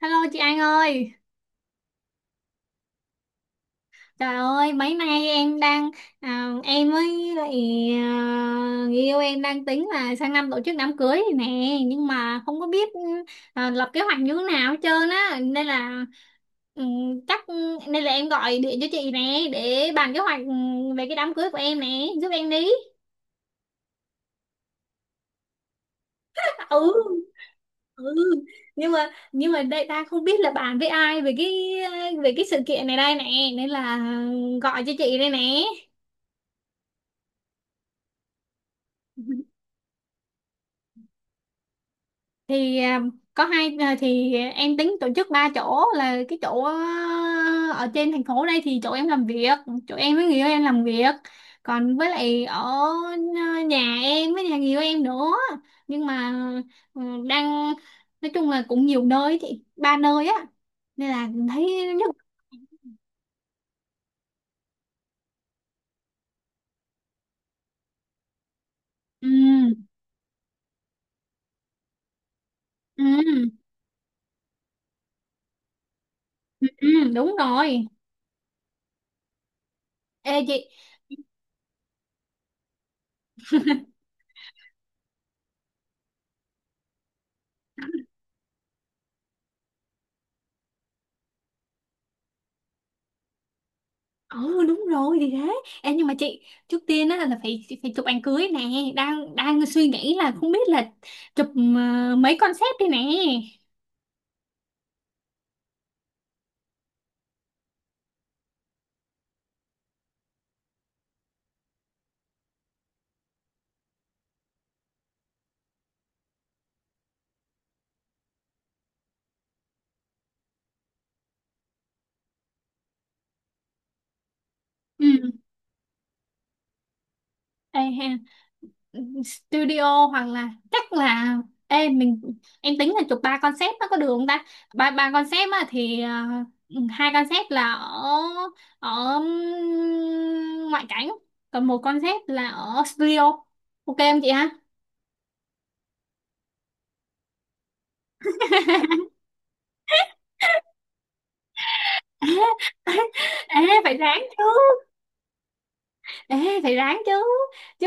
Hello chị An ơi, trời ơi mấy nay em đang em với lại người yêu em đang tính là sang năm tổ chức đám cưới này nè, nhưng mà không có biết lập kế hoạch như thế nào hết trơn á, nên là ừ, chắc nên là em gọi điện cho chị nè để bàn kế hoạch, về cái đám cưới của em nè, giúp em đi. Ừ, ừ, nhưng mà đây ta không biết là bàn với ai về cái sự kiện này đây nè, nên là gọi cho chị đây nè. Thì có hai thì em tính tổ chức ba chỗ, là cái chỗ ở trên thành phố đây thì chỗ em làm việc, chỗ em với người yêu em làm việc, còn với lại ở nhà em với nhà người yêu em nữa. Nhưng mà ừ, đang nói chung là cũng nhiều nơi chị, ba nơi á, nên là thấy nhất. Ừ, ừ, ừ, ừ, đúng rồi. Ê, chị. Ồ, đúng rồi thì thế em, nhưng mà chị, trước tiên á là phải phải chụp ảnh cưới nè. Đang đang suy nghĩ là không biết là chụp mấy concept đi nè. Ừ. Ê, ha, studio hoặc là chắc là ê mình, em tính là chụp ba concept nó có được không ta? Ba ba concept á thì hai concept là ở ở ngoại cảnh, còn một concept là ở studio, ok không chị ha? Ê, phải ráng chứ. Ê, phải ráng chứ, chứ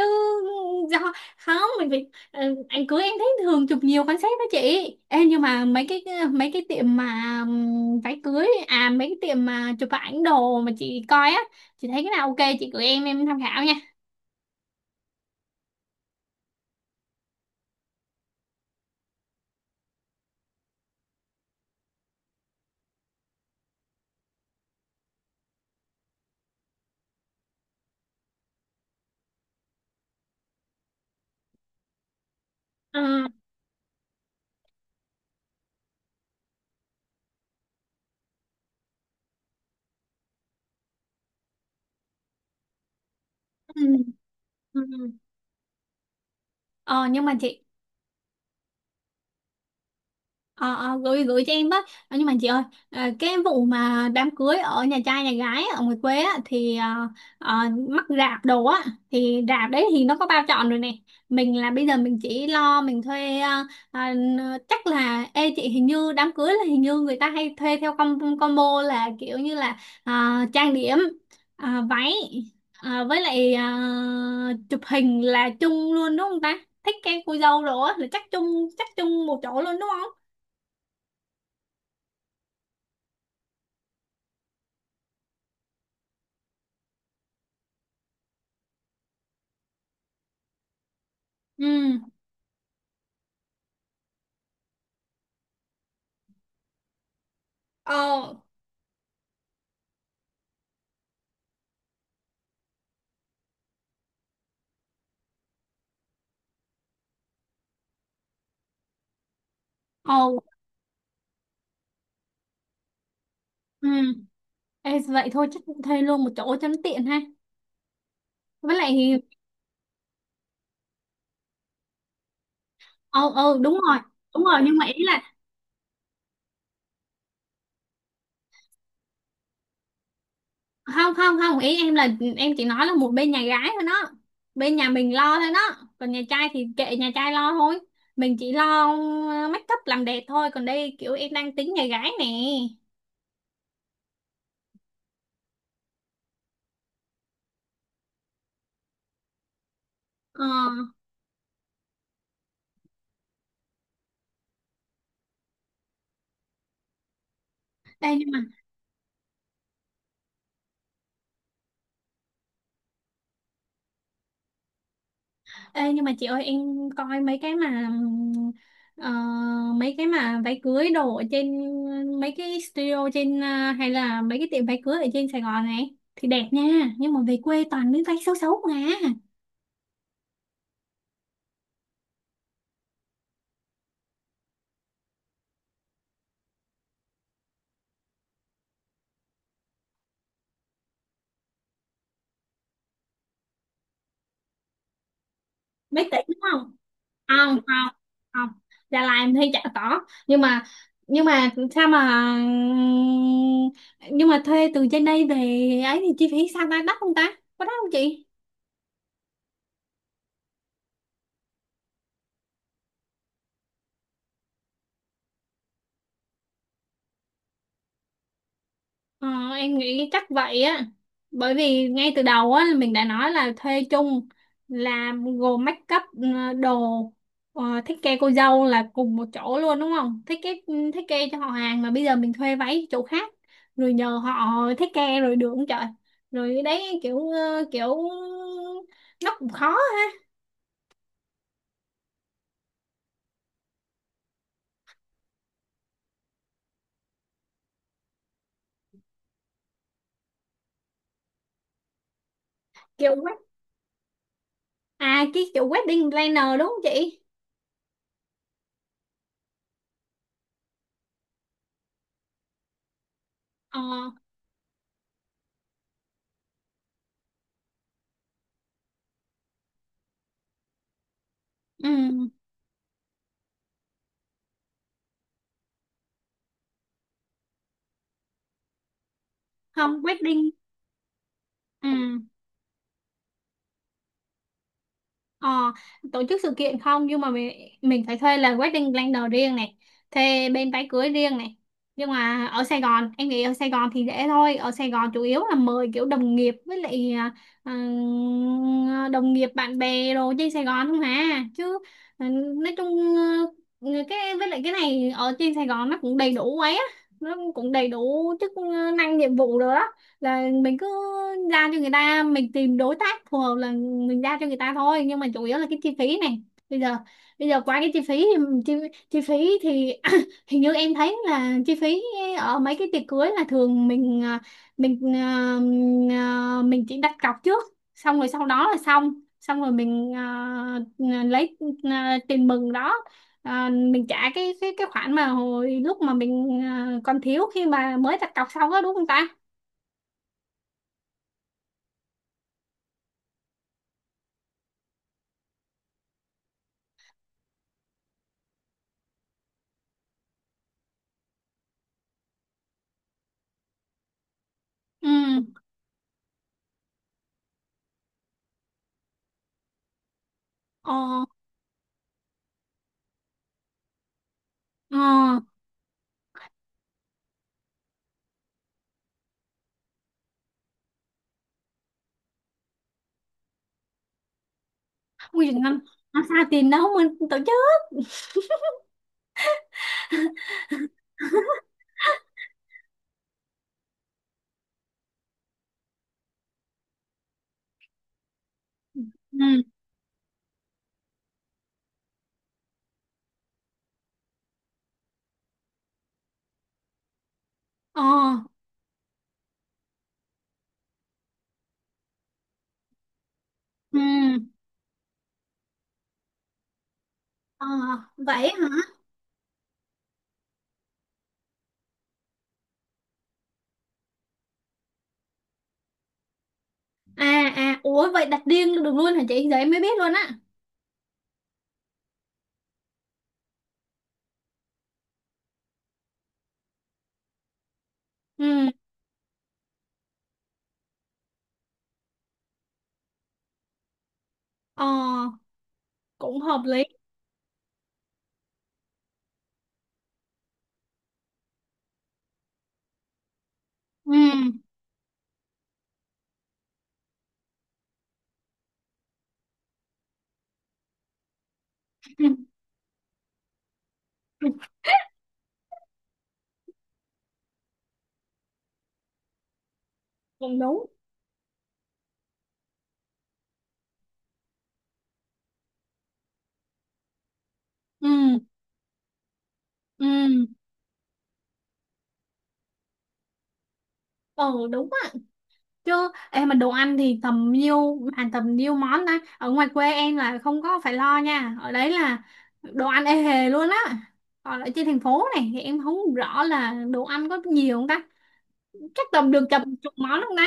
do không mình phải anh cưới em thấy thường chụp nhiều concept đó chị. Ê, nhưng mà mấy cái tiệm mà váy cưới, à mấy cái tiệm mà chụp ảnh đồ mà chị coi á, chị thấy cái nào ok chị gửi em tham khảo nha. À, ừ, ừ. Ờ nhưng mà chị. Ờ, ờ, gửi gửi cho em với. Ờ, nhưng mà chị ơi, cái vụ mà đám cưới ở nhà trai nhà gái ở ngoài quê á, thì ờ, mắc rạp đồ á, thì rạp đấy thì nó có bao trọn rồi nè. Mình là bây giờ mình chỉ lo mình thuê ờ, chắc là ê chị, hình như đám cưới là hình như người ta hay thuê theo com, combo, là kiểu như là ờ, trang điểm, váy, với lại chụp hình là chung luôn đúng không ta? Thích cái cô dâu rồi á là chắc chung, chắc chung một chỗ luôn đúng không? Ừ. Ờ, ờ, ừ. Ê, vậy thôi chắc cũng thuê luôn một chỗ cho nó tiện ha, với lại ờ, đúng rồi, đúng rồi nhưng mà ý là, không không không ý em là em chỉ nói là một bên nhà gái thôi đó, bên nhà mình lo thôi đó, còn nhà trai thì kệ nhà trai lo thôi. Mình chỉ lo make up làm đẹp thôi, còn đây kiểu em đang tính nhà gái nè. Ờ, đây nhưng mà. Ê, nhưng mà chị ơi em coi mấy cái mà ờ, mấy cái mà váy cưới đồ ở trên, mấy cái studio trên hay là mấy cái tiệm váy cưới ở trên Sài Gòn này thì đẹp nha, nhưng mà về quê toàn mấy váy xấu xấu mà. Mấy tỷ đúng không? Không không không. Đà Lạt em thấy chả có. Nhưng mà, nhưng mà sao mà, nhưng mà thuê từ trên đây về ấy thì chi phí sao ta, đắt không ta, có đắt không chị? Ờ, em nghĩ chắc vậy á, bởi vì ngay từ đầu á mình đã nói là thuê chung, là gồm make up, đồ, thiết kế cô dâu là cùng một chỗ luôn đúng không, thiết kế, thiết kế cho họ hàng, mà bây giờ mình thuê váy chỗ khác rồi nhờ họ thiết kế rồi được không trời. Rồi đấy kiểu kiểu nó cũng khó. Kiểu wed-, à cái kiểu wedding planner đúng không chị? Ờ. Ừ, không, wedding. Ừ. Ờ, tổ chức sự kiện, không nhưng mà mình phải thuê là wedding planner riêng này, thuê bên váy cưới riêng này, nhưng mà ở Sài Gòn em nghĩ ở Sài Gòn thì dễ thôi, ở Sài Gòn chủ yếu là mời kiểu đồng nghiệp với lại ừ, đồng nghiệp bạn bè đồ trên Sài Gòn không hả chứ. Ừ, nói chung, cái với lại cái này ở trên Sài Gòn nó cũng đầy đủ ấy á, nó cũng đầy đủ chức năng nhiệm vụ rồi đó, là mình cứ ra cho người ta, mình tìm đối tác phù hợp là mình ra cho người ta thôi. Nhưng mà chủ yếu là cái chi phí này, bây giờ, bây giờ qua cái chi phí thì chi phí thì hình như em thấy là chi phí ở mấy cái tiệc cưới là thường mình mình mình chỉ đặt cọc trước, xong rồi sau đó là xong, xong rồi mình lấy tiền mừng đó mình trả cái cái khoản mà hồi lúc mà mình còn thiếu khi mà mới đặt cọc xong đó đúng không ta? Ừ. Ờ. Ờ, quy trình năm, xa tiền đâu mình tổ chức. Ừ. Ờ. Ừ. Ờ, vậy hả. À à, ủa vậy đặt riêng được luôn hả chị, giờ em mới biết luôn á. Ừ. Ờ, cũng hợp lý. Ừ, ừ, ừ, cũng đúng. Ừ. Ừ. Ờ đúng á, chứ em mà đồ ăn thì tầm nhiêu bàn tầm nhiêu món ta? Ở ngoài quê em là không có phải lo nha, ở đấy là đồ ăn ê hề luôn á, còn ở trên thành phố này thì em không rõ là đồ ăn có nhiều không ta, chắc tầm được tầm chục món không ta?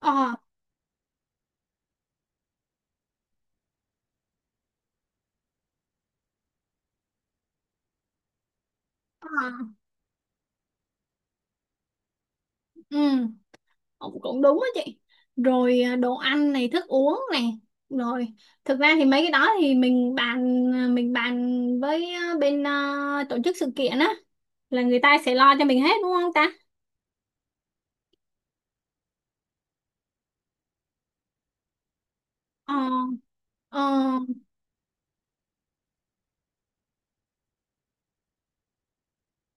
Ờ. Ờ. Ừ, cũng, cũng đúng á chị. Rồi đồ ăn này thức uống này, rồi thực ra thì mấy cái đó thì mình bàn mình bàn với bên tổ chức sự kiện á là người ta sẽ lo cho mình hết đúng không ta? Ờ. Ờ.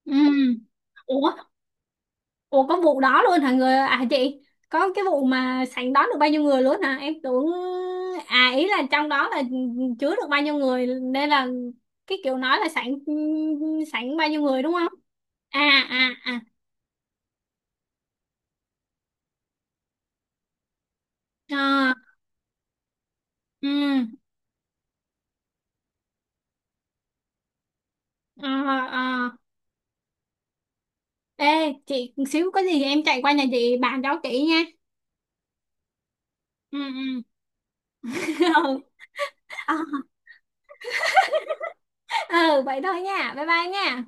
Ừ. Ủa. Ủa có vụ đó luôn hả, người, à chị, có cái vụ mà sảnh đón được bao nhiêu người luôn hả, em tưởng, à ý là trong đó là chứa được bao nhiêu người nên là cái kiểu nói là sảnh, sảnh bao nhiêu người đúng không? À. À. À. Ờ. Ừ. Ờ. Ờ. Ê chị, xíu có gì em chạy qua nhà chị bàn cho kỹ nha. Ừ, ừ. Ừ. Ờ, ờ, vậy thôi nha, bye bye nha.